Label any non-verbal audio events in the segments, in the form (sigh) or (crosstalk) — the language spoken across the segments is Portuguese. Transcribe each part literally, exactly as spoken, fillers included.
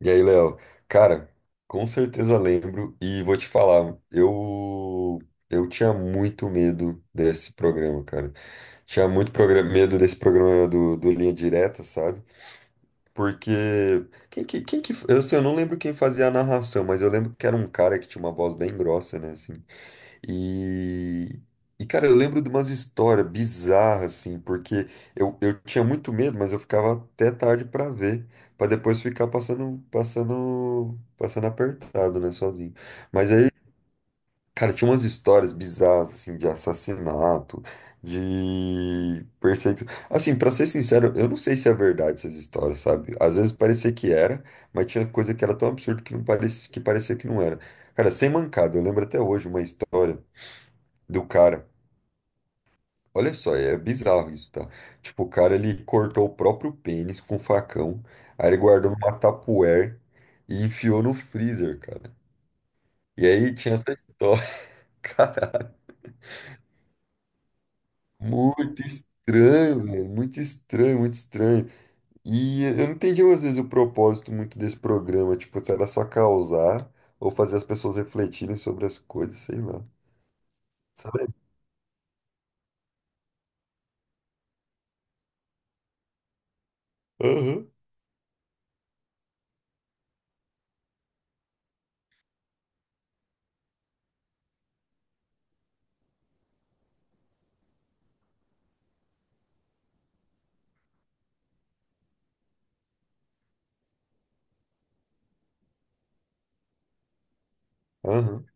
E aí, Léo? Cara, com certeza lembro e vou te falar, eu eu tinha muito medo desse programa, cara. Tinha muito progra- medo desse programa do, do Linha Direta, sabe? Porque quem que, quem que eu, sei, eu não lembro quem fazia a narração, mas eu lembro que era um cara que tinha uma voz bem grossa, né, assim. E, e, cara, eu lembro de umas histórias bizarras, assim, porque eu, eu tinha muito medo, mas eu ficava até tarde pra ver, pra depois ficar passando, passando, passando apertado, né, sozinho. Mas aí, cara, tinha umas histórias bizarras, assim, de assassinato, de perseguição. Assim, pra ser sincero, eu não sei se é verdade essas histórias, sabe? Às vezes parecia que era, mas tinha coisa que era tão absurda que não parecia, que parecia que não era. Cara, sem mancada, eu lembro até hoje uma história do cara. Olha só, é bizarro isso, tá? Tipo, o cara ele cortou o próprio pênis com facão, aí ele guardou numa tupperware e enfiou no freezer, cara. E aí tinha essa história, (laughs) cara, muito estranho, velho, muito estranho, muito estranho. E eu não entendi às vezes o propósito muito desse programa, tipo, se era só causar ou fazer as pessoas refletirem sobre as coisas, sei lá. Sabe? Aham, aham.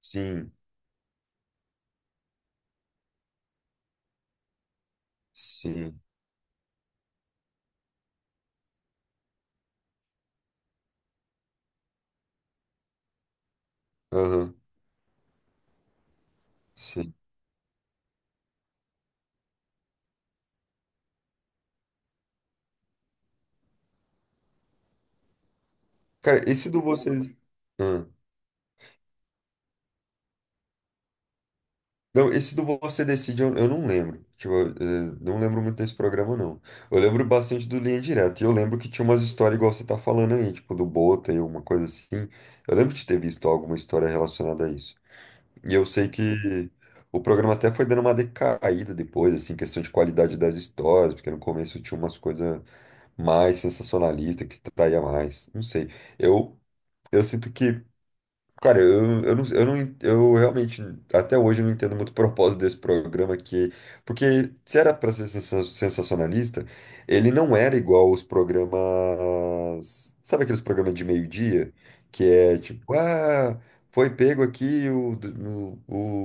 Sim, sim, aham, sim. Cara, esse do vocês. Ah. Não, esse do Você Decide eu, eu não lembro. Tipo, eu, eh, não lembro muito desse programa, não. Eu lembro bastante do Linha Direta. E eu lembro que tinha umas histórias igual você tá falando aí, tipo, do Bota e alguma coisa assim. Eu lembro de ter visto alguma história relacionada a isso. E eu sei que o programa até foi dando uma decaída depois, assim, questão de qualidade das histórias, porque no começo tinha umas coisas mais sensacionalistas que traía mais. Não sei. Eu, eu sinto que. Cara, eu, eu, não, eu, não, en- eu realmente, até hoje, eu não entendo muito o propósito desse programa, que, porque se era para ser sensa- sensacionalista, ele não era igual os programas, sabe aqueles programas de meio-dia, que é tipo, ah, foi pego aqui o, d- o,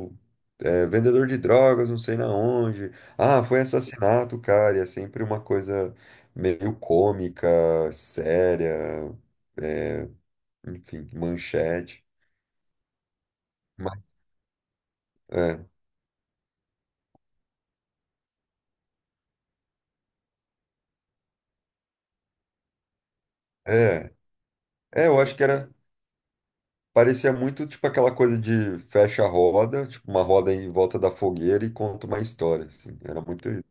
o, é, vendedor de drogas, não sei na onde, ah, foi assassinato, cara, e é sempre uma coisa meio cômica, séria, é, enfim, manchete. É, é, é, eu acho que era, parecia muito tipo aquela coisa de fecha a roda, tipo uma roda em volta da fogueira e conta uma história, assim, era muito isso,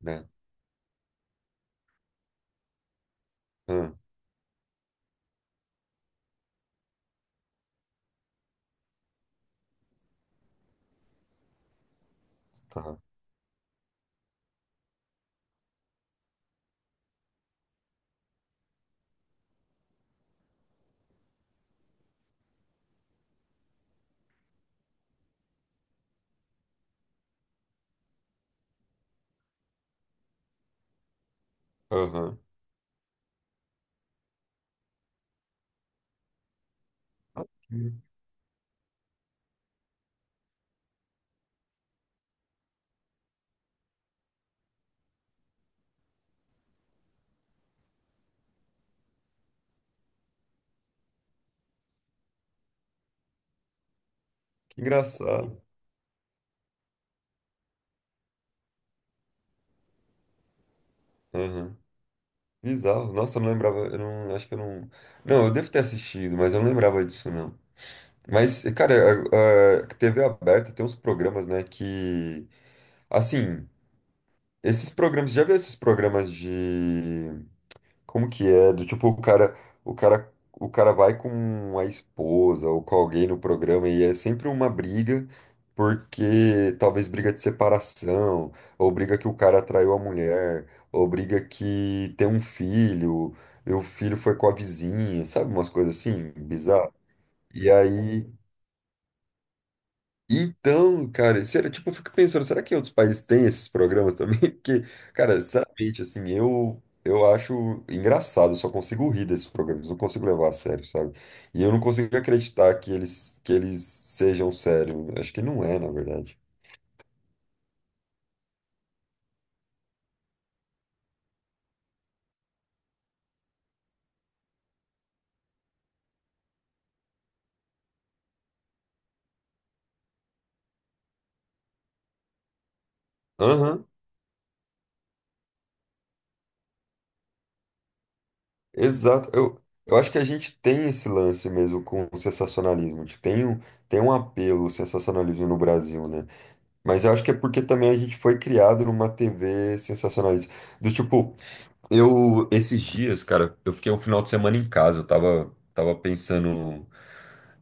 né? Ah, tá, aham. Ah, Que que engraçado, aham. Bizarro, nossa, eu não lembrava, eu não, acho que eu não, não, eu devo ter assistido, mas eu não lembrava disso, não. Mas, cara, a, a T V aberta tem uns programas, né, que, assim, esses programas, já viu esses programas de Como que é? Do tipo, o cara, o cara, o cara vai com a esposa ou com alguém no programa e é sempre uma briga, porque talvez briga de separação, ou briga que o cara traiu a mulher, ou briga que tem um filho, e o filho foi com a vizinha, sabe? Umas coisas assim, bizarro. E aí. Então, cara, sério, tipo, eu fico pensando, será que outros países têm esses programas também? (laughs) Porque, cara, sinceramente, assim, eu eu acho engraçado, eu só consigo rir desses programas, não consigo levar a sério, sabe? E eu não consigo acreditar que eles que eles sejam sérios. Acho que não é, na verdade. Aham, exato. Eu, eu acho que a gente tem esse lance mesmo com o sensacionalismo. Tipo, tem um, tem um apelo ao sensacionalismo no Brasil, né? Mas eu acho que é porque também a gente foi criado numa T V sensacionalista. Do tipo, eu, esses dias, cara, eu fiquei um final de semana em casa. Eu tava, tava pensando.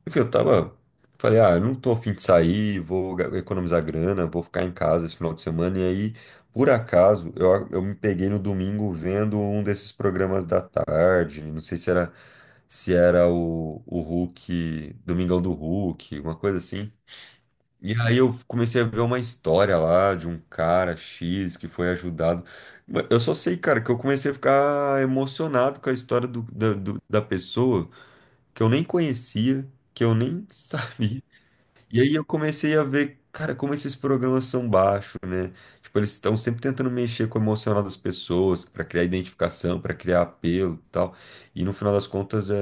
Enfim, eu tava. Falei, ah, eu não tô a fim de sair, vou ga- economizar grana, vou ficar em casa esse final de semana. E aí, por acaso, eu, a- eu me peguei no domingo vendo um desses programas da tarde. Não sei se era, se era o, o Hulk, Domingão do Hulk, uma coisa assim. E aí eu comecei a ver uma história lá de um cara X que foi ajudado. Ma- Eu só sei, cara, que eu comecei a ficar emocionado com a história do- da, do- da pessoa que eu nem conhecia, que eu nem (laughs) sabia. E aí eu comecei a ver, cara, como esses programas são baixos, né? Tipo, eles estão sempre tentando mexer com o emocional das pessoas para criar identificação, para criar apelo e tal. E no final das contas é,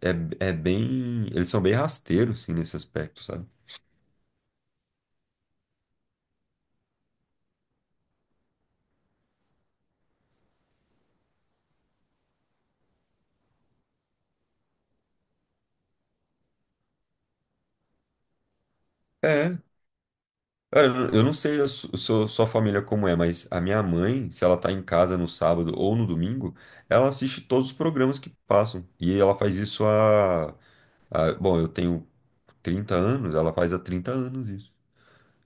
é, é bem. Eles são bem rasteiros, assim, nesse aspecto, sabe? É. Cara, eu eu não sei a su- sua sua família como é, mas a minha mãe, se ela tá em casa no sábado ou no domingo, ela assiste todos os programas que passam. E ela faz isso há, há- bom, eu tenho trinta anos, ela faz há trinta anos isso.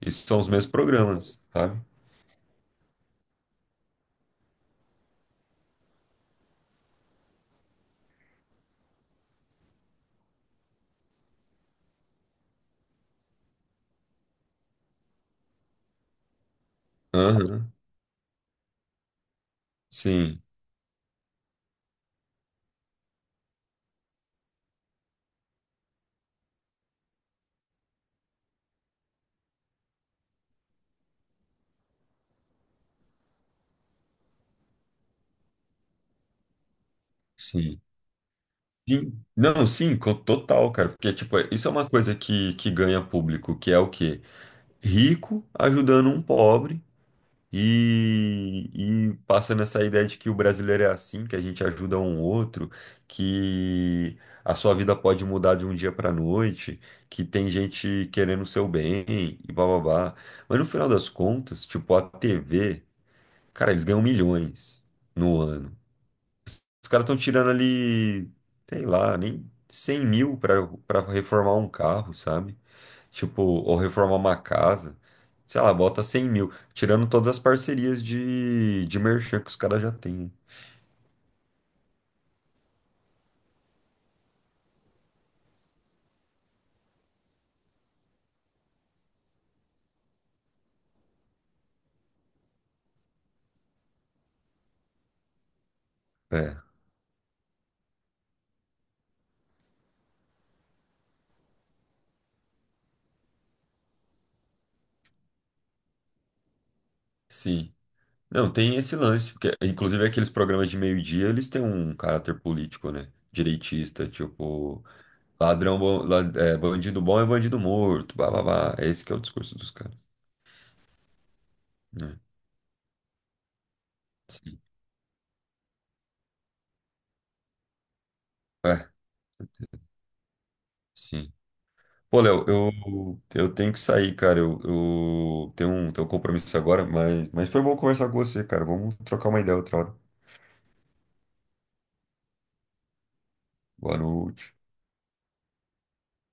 E são os mesmos programas, sabe? Aham. Sim, sim. Sim. Não, sim, co- total, cara. Porque, tipo, isso é uma coisa que, que ganha público, que é o quê? Rico ajudando um pobre. E, e passa nessa ideia de que o brasileiro é assim, que a gente ajuda um outro, que a sua vida pode mudar de um dia para noite, que tem gente querendo o seu bem e bababá. Mas no final das contas, tipo, a T V, cara, eles ganham milhões no ano. Os caras estão tirando ali, sei lá, nem cem mil pra, pra reformar um carro, sabe? Tipo, ou reformar uma casa. Sei lá, bota cem mil. Tirando todas as parcerias de, de merchan que os caras já têm. É, sim. Não, tem esse lance. Porque, inclusive, aqueles programas de meio-dia, eles têm um caráter político, né? Direitista, tipo, ladrão bom, la- é, bandido bom é bandido morto, blá blá blá. Esse que é o discurso dos caras, né? Sim. É, sim. Pô, Léo, eu, eu tenho que sair, cara. Eu, eu tenho um, tenho um compromisso agora, mas, mas foi bom conversar com você, cara. Vamos trocar uma ideia outra hora. Boa noite.